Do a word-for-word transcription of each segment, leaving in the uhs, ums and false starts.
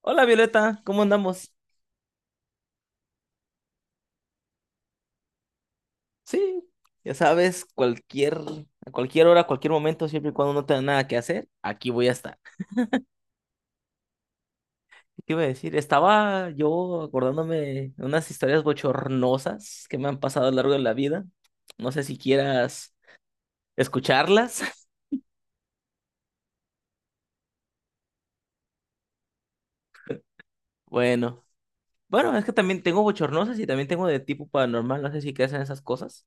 Hola Violeta, ¿cómo andamos? Sí, ya sabes, cualquier, a cualquier hora, a cualquier momento, siempre y cuando no tenga nada que hacer, aquí voy a estar. ¿Qué iba a decir? Estaba yo acordándome de unas historias bochornosas que me han pasado a lo largo de la vida. No sé si quieras escucharlas. Bueno, bueno, es que también tengo bochornosas y también tengo de tipo paranormal, no sé si crees en esas cosas.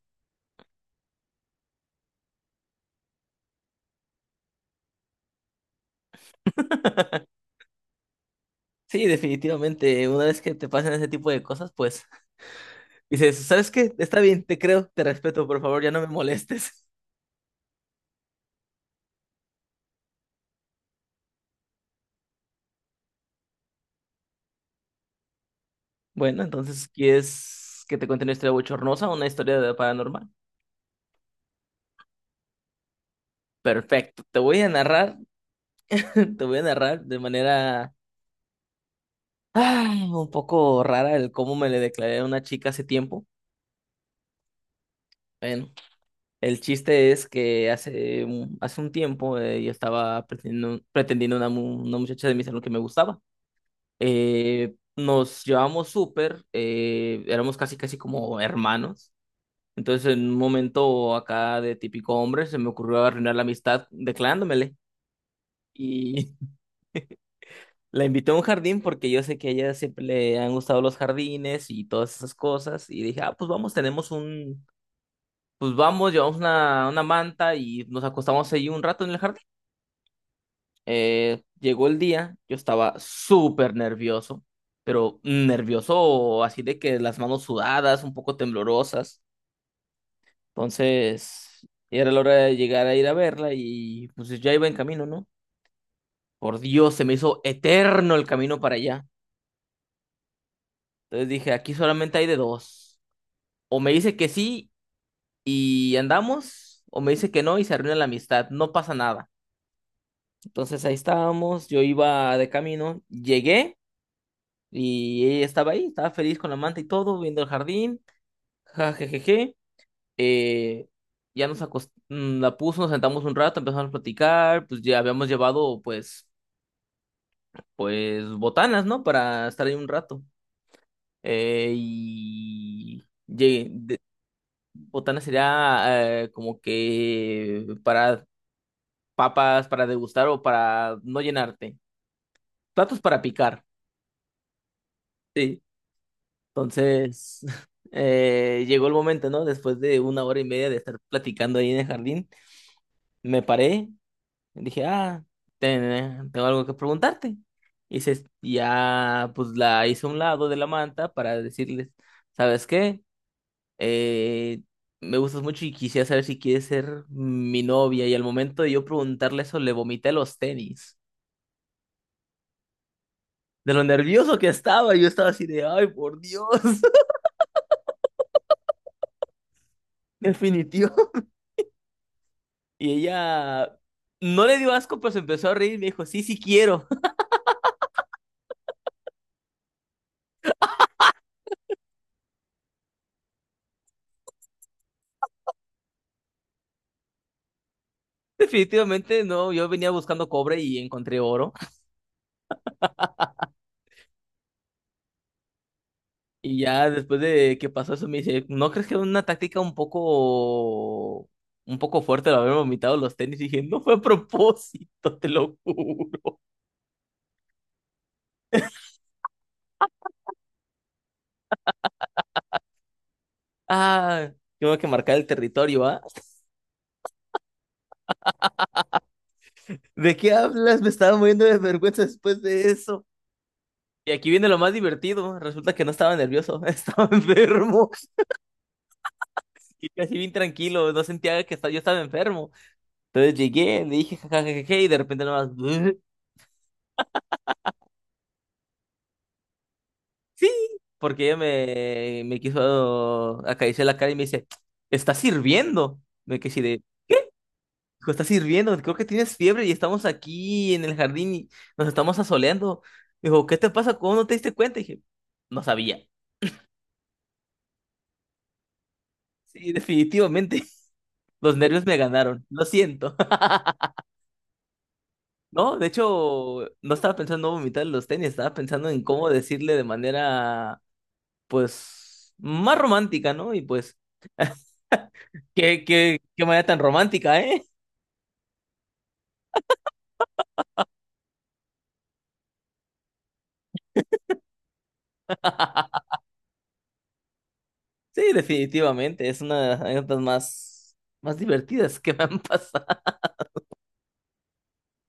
Sí, definitivamente, una vez que te pasan ese tipo de cosas, pues dices, ¿sabes qué? Está bien, te creo, te respeto, por favor, ya no me molestes. Bueno, entonces, ¿quieres que te cuente una historia bochornosa o una historia de paranormal? Perfecto, te voy a narrar, te voy a narrar de manera ay, un poco rara el cómo me le declaré a una chica hace tiempo. Bueno, el chiste es que hace, un- hace un tiempo eh, yo estaba pretendiendo, pretendiendo una, mu- una muchacha de mi salón que me gustaba. Eh, nos llevamos súper, eh, éramos casi casi como hermanos. Entonces, en un momento acá de típico hombre, se me ocurrió arruinar la amistad declarándomele. Y la invité a un jardín porque yo sé que a ella siempre le han gustado los jardines y todas esas cosas. Y dije, ah, pues vamos, tenemos un, pues vamos, llevamos una, una manta y nos acostamos ahí un rato en el jardín. Eh, llegó el día, yo estaba súper nervioso, pero nervioso así de que las manos sudadas, un poco temblorosas. Entonces, era la hora de llegar a ir a verla y pues ya iba en camino, ¿no? Por Dios, se me hizo eterno el camino para allá. Entonces dije, aquí solamente hay de dos. O me dice que sí y andamos, o me dice que no y se arruina la amistad, no pasa nada. Entonces ahí estábamos, yo iba de camino, llegué y ella estaba ahí, estaba feliz con la manta y todo, viendo el jardín, jajajaja. Eh, ya nos acostamos, la puso, nos sentamos un rato, empezamos a platicar, pues ya habíamos llevado pues pues botanas, ¿no? Para estar ahí un rato. Eh, y llegué- de- botanas sería eh, como que para papas, para degustar o para no llenarte. Platos para picar. Sí. Entonces, eh, llegó el momento, ¿no? Después de una hora y media de estar platicando ahí en el jardín, me paré, dije, ah, ten- tengo algo que preguntarte. Y se, ya, pues la hice a un lado de la manta para decirles, ¿sabes qué? eh, me gustas mucho y quisiera saber si quieres ser mi novia. Y al momento de yo preguntarle eso, le vomité los tenis. De lo nervioso que estaba, yo estaba así de, ay, por Dios, definitivo. Y ella no le dio asco, pero se empezó a reír y me dijo, sí, sí quiero. Definitivamente no, yo venía buscando cobre y encontré oro. Y ya después de que pasó eso, me dice, ¿no crees que era una táctica un poco, un poco fuerte el haber vomitado los tenis? Y dije, no fue a propósito, te lo juro. Ah, tengo que marcar el territorio, ¿ah? ¿De qué hablas? Me estaba muriendo de vergüenza después de eso. Y aquí viene lo más divertido. Resulta que no estaba nervioso, estaba enfermo y casi bien tranquilo. No sentía que estaba, yo estaba enfermo. Entonces llegué, le dije jajajaja y de repente nomás, "Bleh". Sí, porque ella me, me quiso acariciar la cara y me dice, ¿estás sirviendo? Me quedé así de, Hijo, estás sirviendo, creo que tienes fiebre y estamos aquí en el jardín y nos estamos asoleando. Dijo, ¿qué te pasa? ¿Cómo no te diste cuenta? Dije, no sabía. Sí, definitivamente. Los nervios me ganaron. Lo siento. No, de hecho, no estaba pensando en vomitar los tenis, estaba pensando en cómo decirle de manera, pues, más romántica, ¿no? Y pues, qué, qué, qué manera tan romántica, ¿eh? Sí, definitivamente. Es una de las anécdotas más, más divertidas que me han pasado.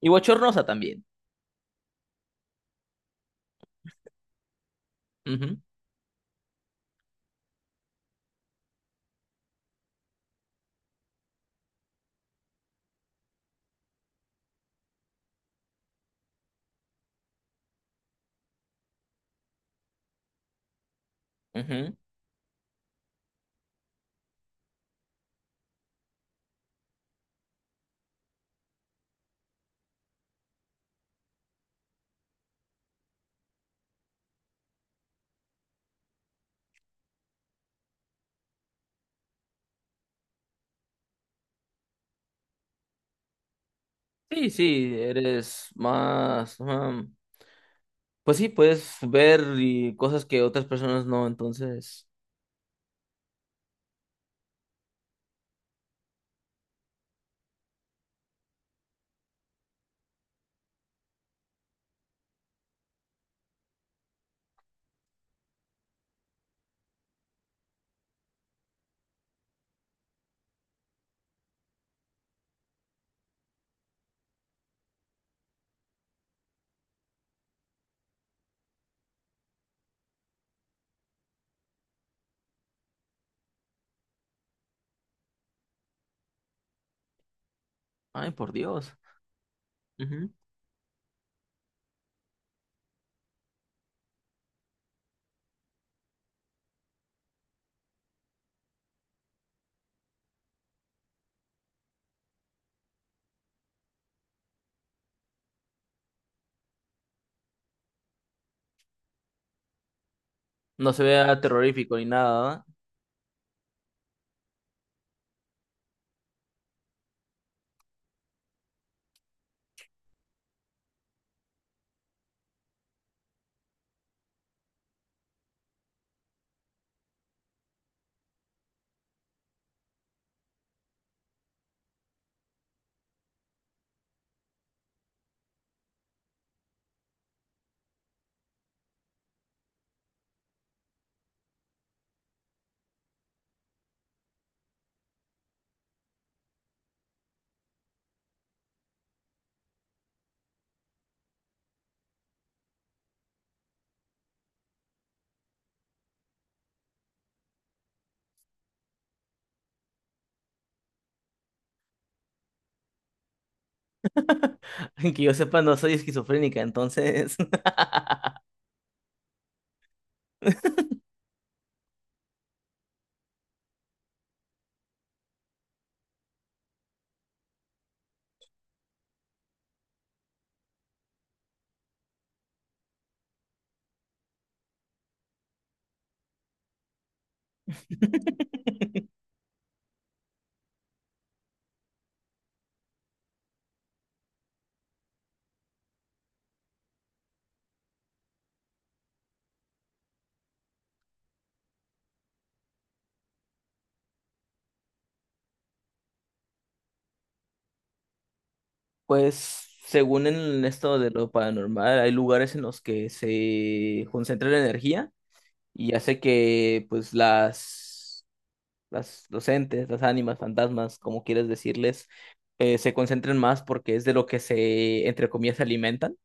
Y bochornosa también. Ujú, ujú. Sí, sí, eres más... ah, pues sí, puedes ver y cosas que otras personas no, entonces... Ay, por Dios. Ujú. No se vea terrorífico ni nada, ¿verdad? Que yo sepa, no soy esquizofrénica, entonces... Pues según en esto de lo paranormal, hay lugares en los que se concentra la energía y hace que pues las las, los entes, las ánimas, fantasmas, como quieras decirles, eh, se concentren más porque es de lo que se, entre comillas, se alimentan.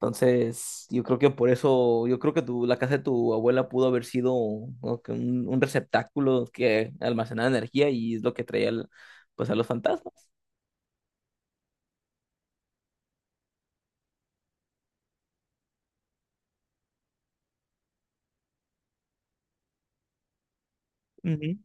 Entonces, yo creo que por eso, yo creo que tu, la casa de tu abuela pudo haber sido ¿no? que un, un receptáculo que almacenaba energía y es lo que traía al- pues a los fantasmas. Ujú,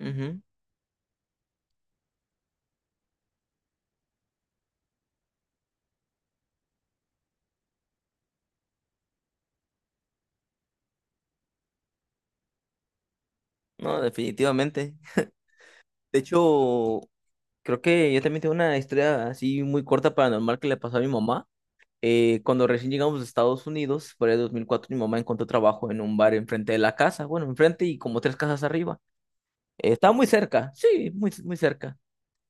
ujú. No, definitivamente. De hecho, creo que yo también tengo una historia así muy corta paranormal que le pasó a mi mamá. Eh, cuando recién llegamos a Estados Unidos, por ahí de dos mil cuatro, mi mamá encontró trabajo en un bar enfrente de la casa, bueno, enfrente y como tres casas arriba. Eh, estaba muy cerca, sí, muy, muy cerca.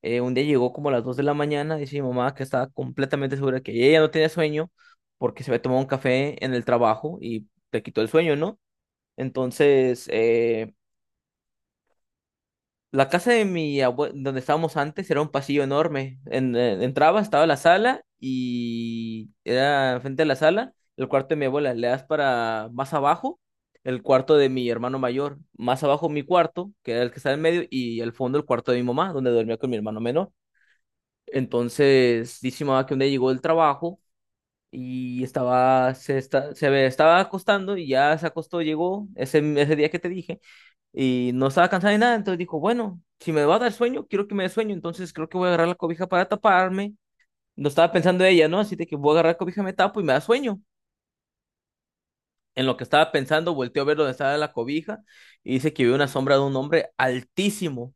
Eh, un día llegó como a las dos de la mañana, dice mi mamá que estaba completamente segura que ella no tenía sueño porque se había tomado un café en el trabajo y te quitó el sueño, ¿no? Entonces, eh, la casa de mi abuelo, donde estábamos antes, era un pasillo enorme. En- eh, entraba, estaba la sala y era frente a la sala, el cuarto de mi abuela. Le das para más abajo, el cuarto de mi hermano mayor. Más abajo mi cuarto, que era el que está en medio, y al fondo el cuarto de mi mamá, donde dormía con mi hermano menor. Entonces, dice mi mamá que un día llegó del trabajo y estaba, se, esta- se ve- estaba acostando y ya se acostó, llegó ese, ese día que te dije y no estaba cansada ni nada, entonces dijo, bueno, si me va a dar sueño, quiero que me dé sueño, entonces creo que voy a agarrar la cobija para taparme. No estaba pensando ella, ¿no? Así de que voy a agarrar la cobija, me tapo y me da sueño. En lo que estaba pensando, volteó a ver dónde estaba la cobija y dice que vio una sombra de un hombre altísimo,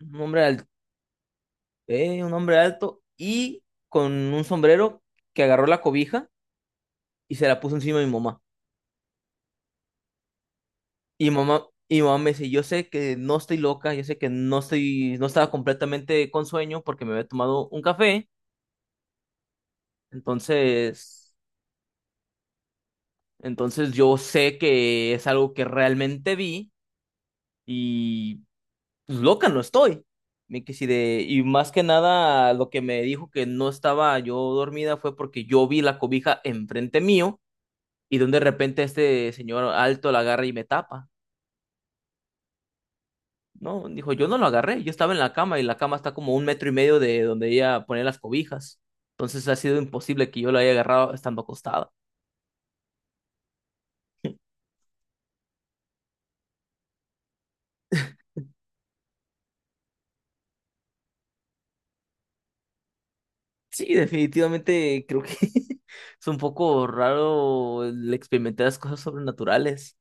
un hombre, al- eh, un hombre alto y con un sombrero que agarró la cobija y se la puso encima de mi mamá. Y mamá, y mamá me dice, yo sé que no estoy loca, yo sé que no estoy, no estaba completamente con sueño porque me había tomado un café, Entonces, entonces yo sé que es algo que realmente vi y pues, loca no estoy. Me quedé así de, y más que nada lo que me dijo que no estaba yo dormida fue porque yo vi la cobija enfrente mío y donde de repente este señor alto la agarra y me tapa. No, dijo, yo no lo agarré, yo estaba en la cama y la cama está como un metro y medio de donde ella pone las cobijas. Entonces ha sido imposible que yo la haya agarrado estando acostada. Sí, definitivamente creo que es un poco raro el experimentar las cosas sobrenaturales.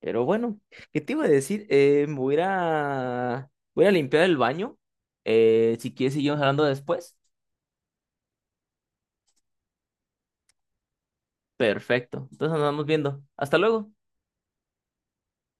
Pero bueno, ¿qué te iba a decir? Eh, me voy a, ir a- voy a limpiar el baño. Eh, si quieres, seguimos hablando después. Perfecto. Entonces nos vamos viendo. Hasta luego.